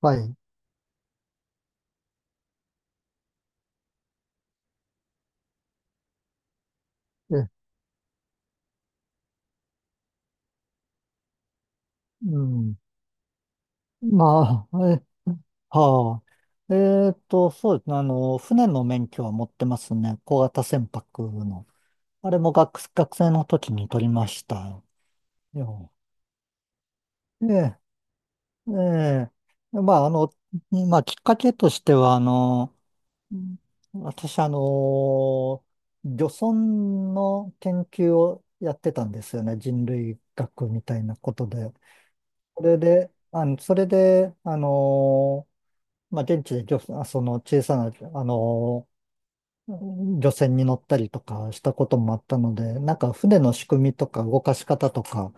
はい。え、うん。まあ、はあ。そうですね。船の免許は持ってますね。小型船舶の。あれも学生の時に取りましたよ。ええ、ええ。まあ、まあ、きっかけとしては、うん私、漁村の研究をやってたんですよね。人類学みたいなことで。それで、まあ、現地で漁船、あその小さな、あの、漁船に乗ったりとかしたこともあったので、なんか船の仕組みとか動かし方とか、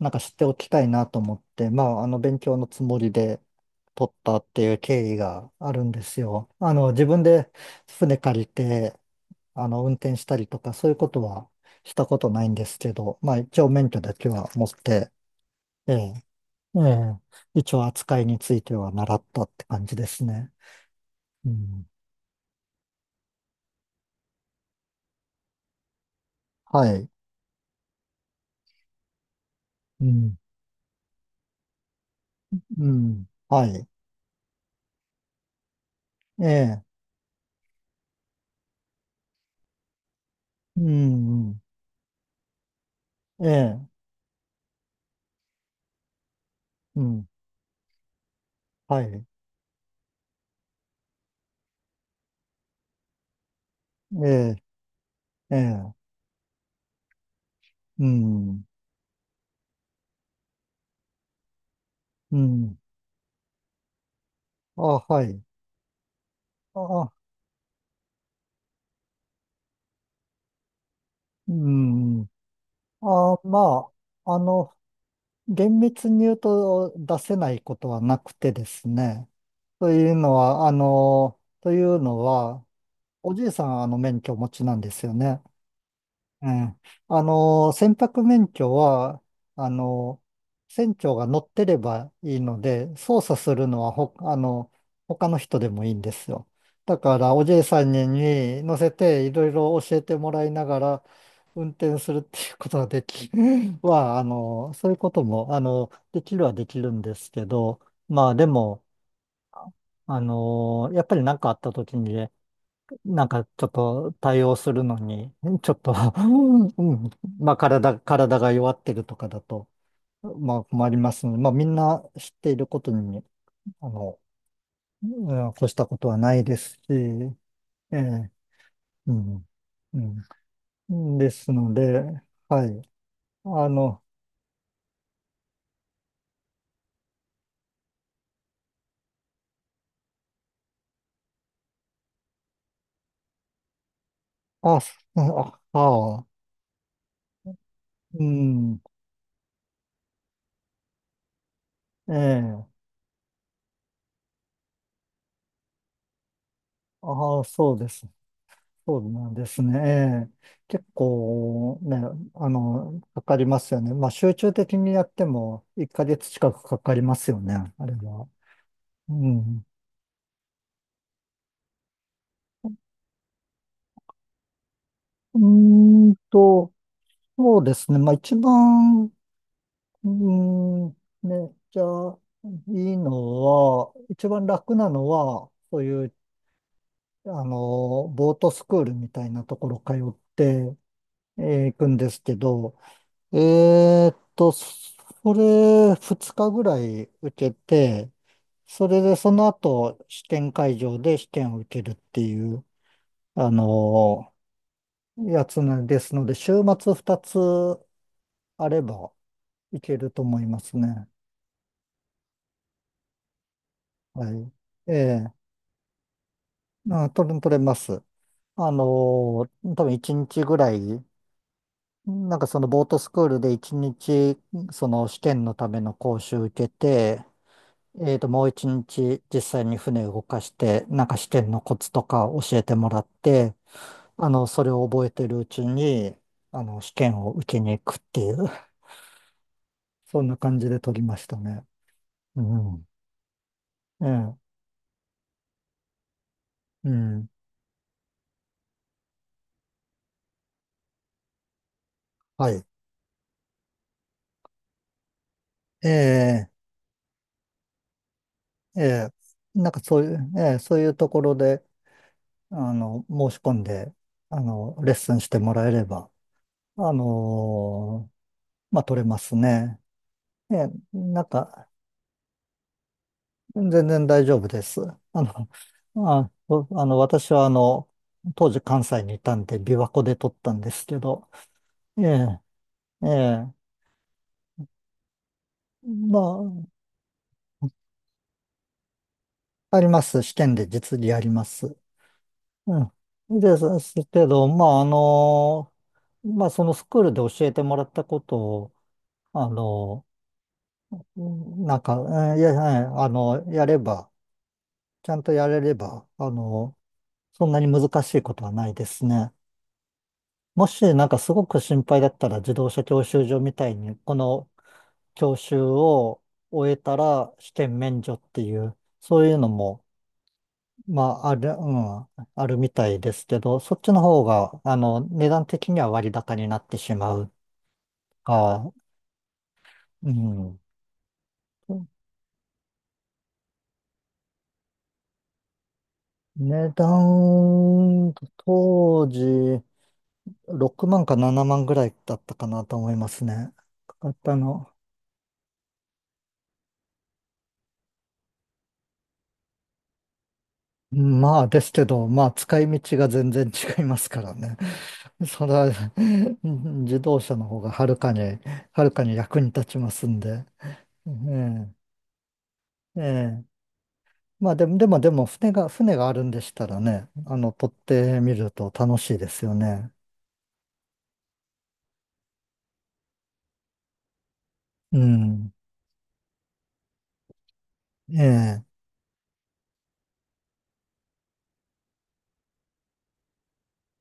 なんか知っておきたいなと思って、まあ、勉強のつもりで取ったっていう経緯があるんですよ。自分で船借りて、運転したりとか、そういうことはしたことないんですけど、まあ、一応免許だけは持って、ええ、ええ、一応扱いについては習ったって感じですね。うん。はい。うん、うん、はい。ええ、うん、うん、ええ、うん、はい。ええ、ええ、うん、うん、あ、はい。あ、うん、まあ、厳密に言うと出せないことはなくてですね。というのは、おじいさんはあの免許をお持ちなんですよね。ええ、船舶免許は、あの、船長が乗ってればいいので、操作するのはほ、あの、他の人でもいいんですよ。だから、おじいさんに乗せて、いろいろ教えてもらいながら、運転するっていうことができ、は、あの、そういうことも、できるはできるんですけど、まあ、でも、やっぱり何かあった時にね、なんかちょっと対応するのに、ちょっと うん、まあ体が弱ってるとかだと、まあ困りますので、まあみんな知っていることに、あの、うん越したことはないですし、ええ、うん、うん。ですので、はい。あの、あ、すあ、あ、うん、ええ、ああ、そうです。そうなんですね。ええ、結構ね、かかりますよね。まあ集中的にやっても1ヶ月近くかかりますよね、あれは。うん。うーんと、そうですね。まあ一番、うーん、ね、じゃあ、いいのは、一番楽なのは、そういう、ボートスクールみたいなところ通って、行くんですけど、それ2日ぐらい受けて、それでその後試験会場で試験を受けるっていう、あのやつなんですので、週末2つあればいけると思いますね。はい。ええ取れます。あの多分1日ぐらい、なんかそのボートスクールで1日、その試験のための講習受けて、もう一日実際に船を動かして、なんか試験のコツとか教えてもらって、それを覚えてるうちに、試験を受けに行くっていう、そんな感じで取りましたね。うん。ええ、うん。はい。ええ、ええ、そういうところで、申し込んで、レッスンしてもらえれば、あのまあ、取れますね。ええ、なんか、全然大丈夫です。あの、あ、おあの、私は当時関西にいたんで、琵琶湖で撮ったんですけど、ええ、ええ、まあ、あります。試験で実技あります。うん。ですけど、まあ、まあ、そのスクールで教えてもらったことを、あの、なんか、えいや、はいあの、やれば、ちゃんとやれれば、そんなに難しいことはないですね。もしなんかすごく心配だったら、自動車教習所みたいにこの教習を終えたら試験免除っていう、そういうのもまあある、うん、あるみたいですけど、そっちの方が値段的には割高になってしまうか、うん、値段当時6万か7万ぐらいだったかなと思いますね。かかったの。まあですけど、まあ使い道が全然違いますからね。それは うん、自動車の方がはるかに、はるかに役に立ちますんで。ええ、ええ。まあでも、船があるんでしたらね、取ってみると楽しいですよね。うん。ええ、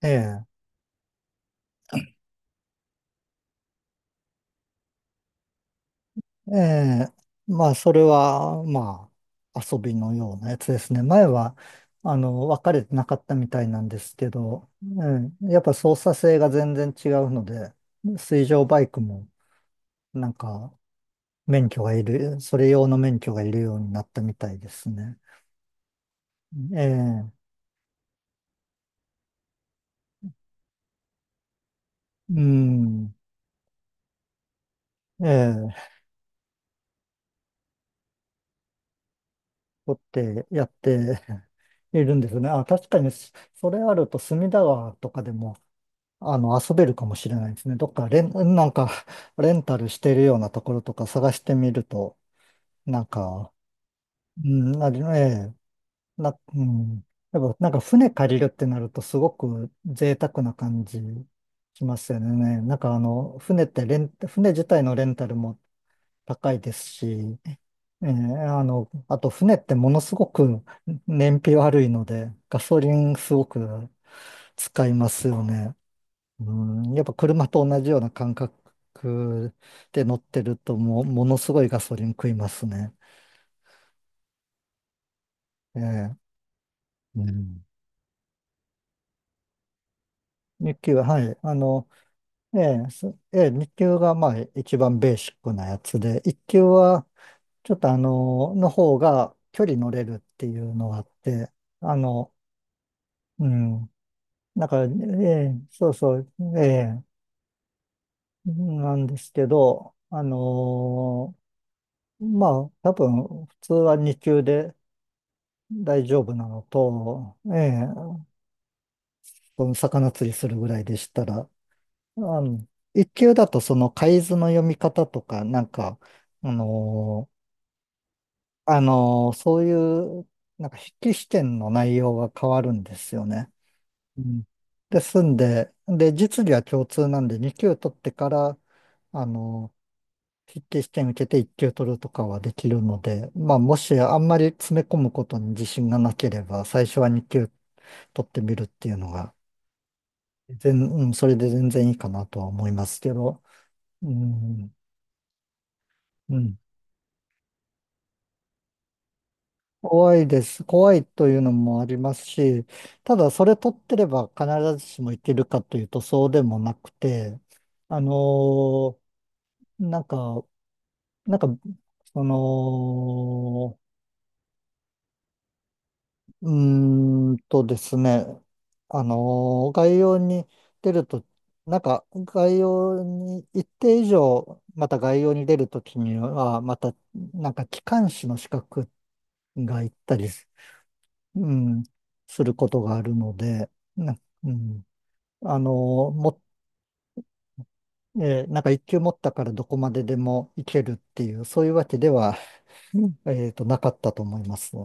ええ。ええ、まあ、それは、まあ、遊びのようなやつですね。前は、分かれてなかったみたいなんですけど、ええ、やっぱ操作性が全然違うので、水上バイクも、なんか、免許がいる、それ用の免許がいるようになったみたいですね。ええ、うん、ええ、取ってやっているんですね。あ、確かに、それあると、隅田川とかでも、遊べるかもしれないですね。どっかレン、なんか、レンタルしてるようなところとか探してみると、なんか、うん、あの、ええ、な、うん、やっぱなんか船借りるってなるとすごく贅沢な感じしますよね。船自体のレンタルも高いですし、ええ、あと船ってものすごく燃費悪いので、ガソリンすごく使いますよね。うん、やっぱ車と同じような感覚で乗ってるともう、ものすごいガソリン食いますね。ええ、うん。日給は、はい。あの、ええ、すええ、日給がまあ一番ベーシックなやつで、一級はちょっとの方が距離乗れるっていうのがあって、あの、うん。だから、ええ、そうそう、ええ、なんですけど、ま多分、普通は2級で、大丈夫なのと、ええ、その魚釣りするぐらいでしたら、あの、一級だとその海図の読み方とか、なんか、あのーそういう、なんか筆記試験の内容が変わるんですよね。うん。ですんで、で、実技は共通なんで、二級取ってから、あのー筆記試験受けて一級取るとかはできるので、まあ、もしあんまり詰め込むことに自信がなければ、最初は二級取ってみるっていうのが、うん、それで全然いいかなとは思いますけど、うん、うん。怖いです。怖いというのもありますし、ただそれ取ってれば必ずしもいけるかというとそうでもなくて、あのーなんか、なんか、その、うーんとですね、あのー概要に出ると、概要に一定以上、また概要に出るときには、また機関士の資格がいったりす、うん、することがあるので、な、うん、あのーも、えーなんか一級持ったからどこまででも行けるっていう、そういうわけでは、なかったと思いますね。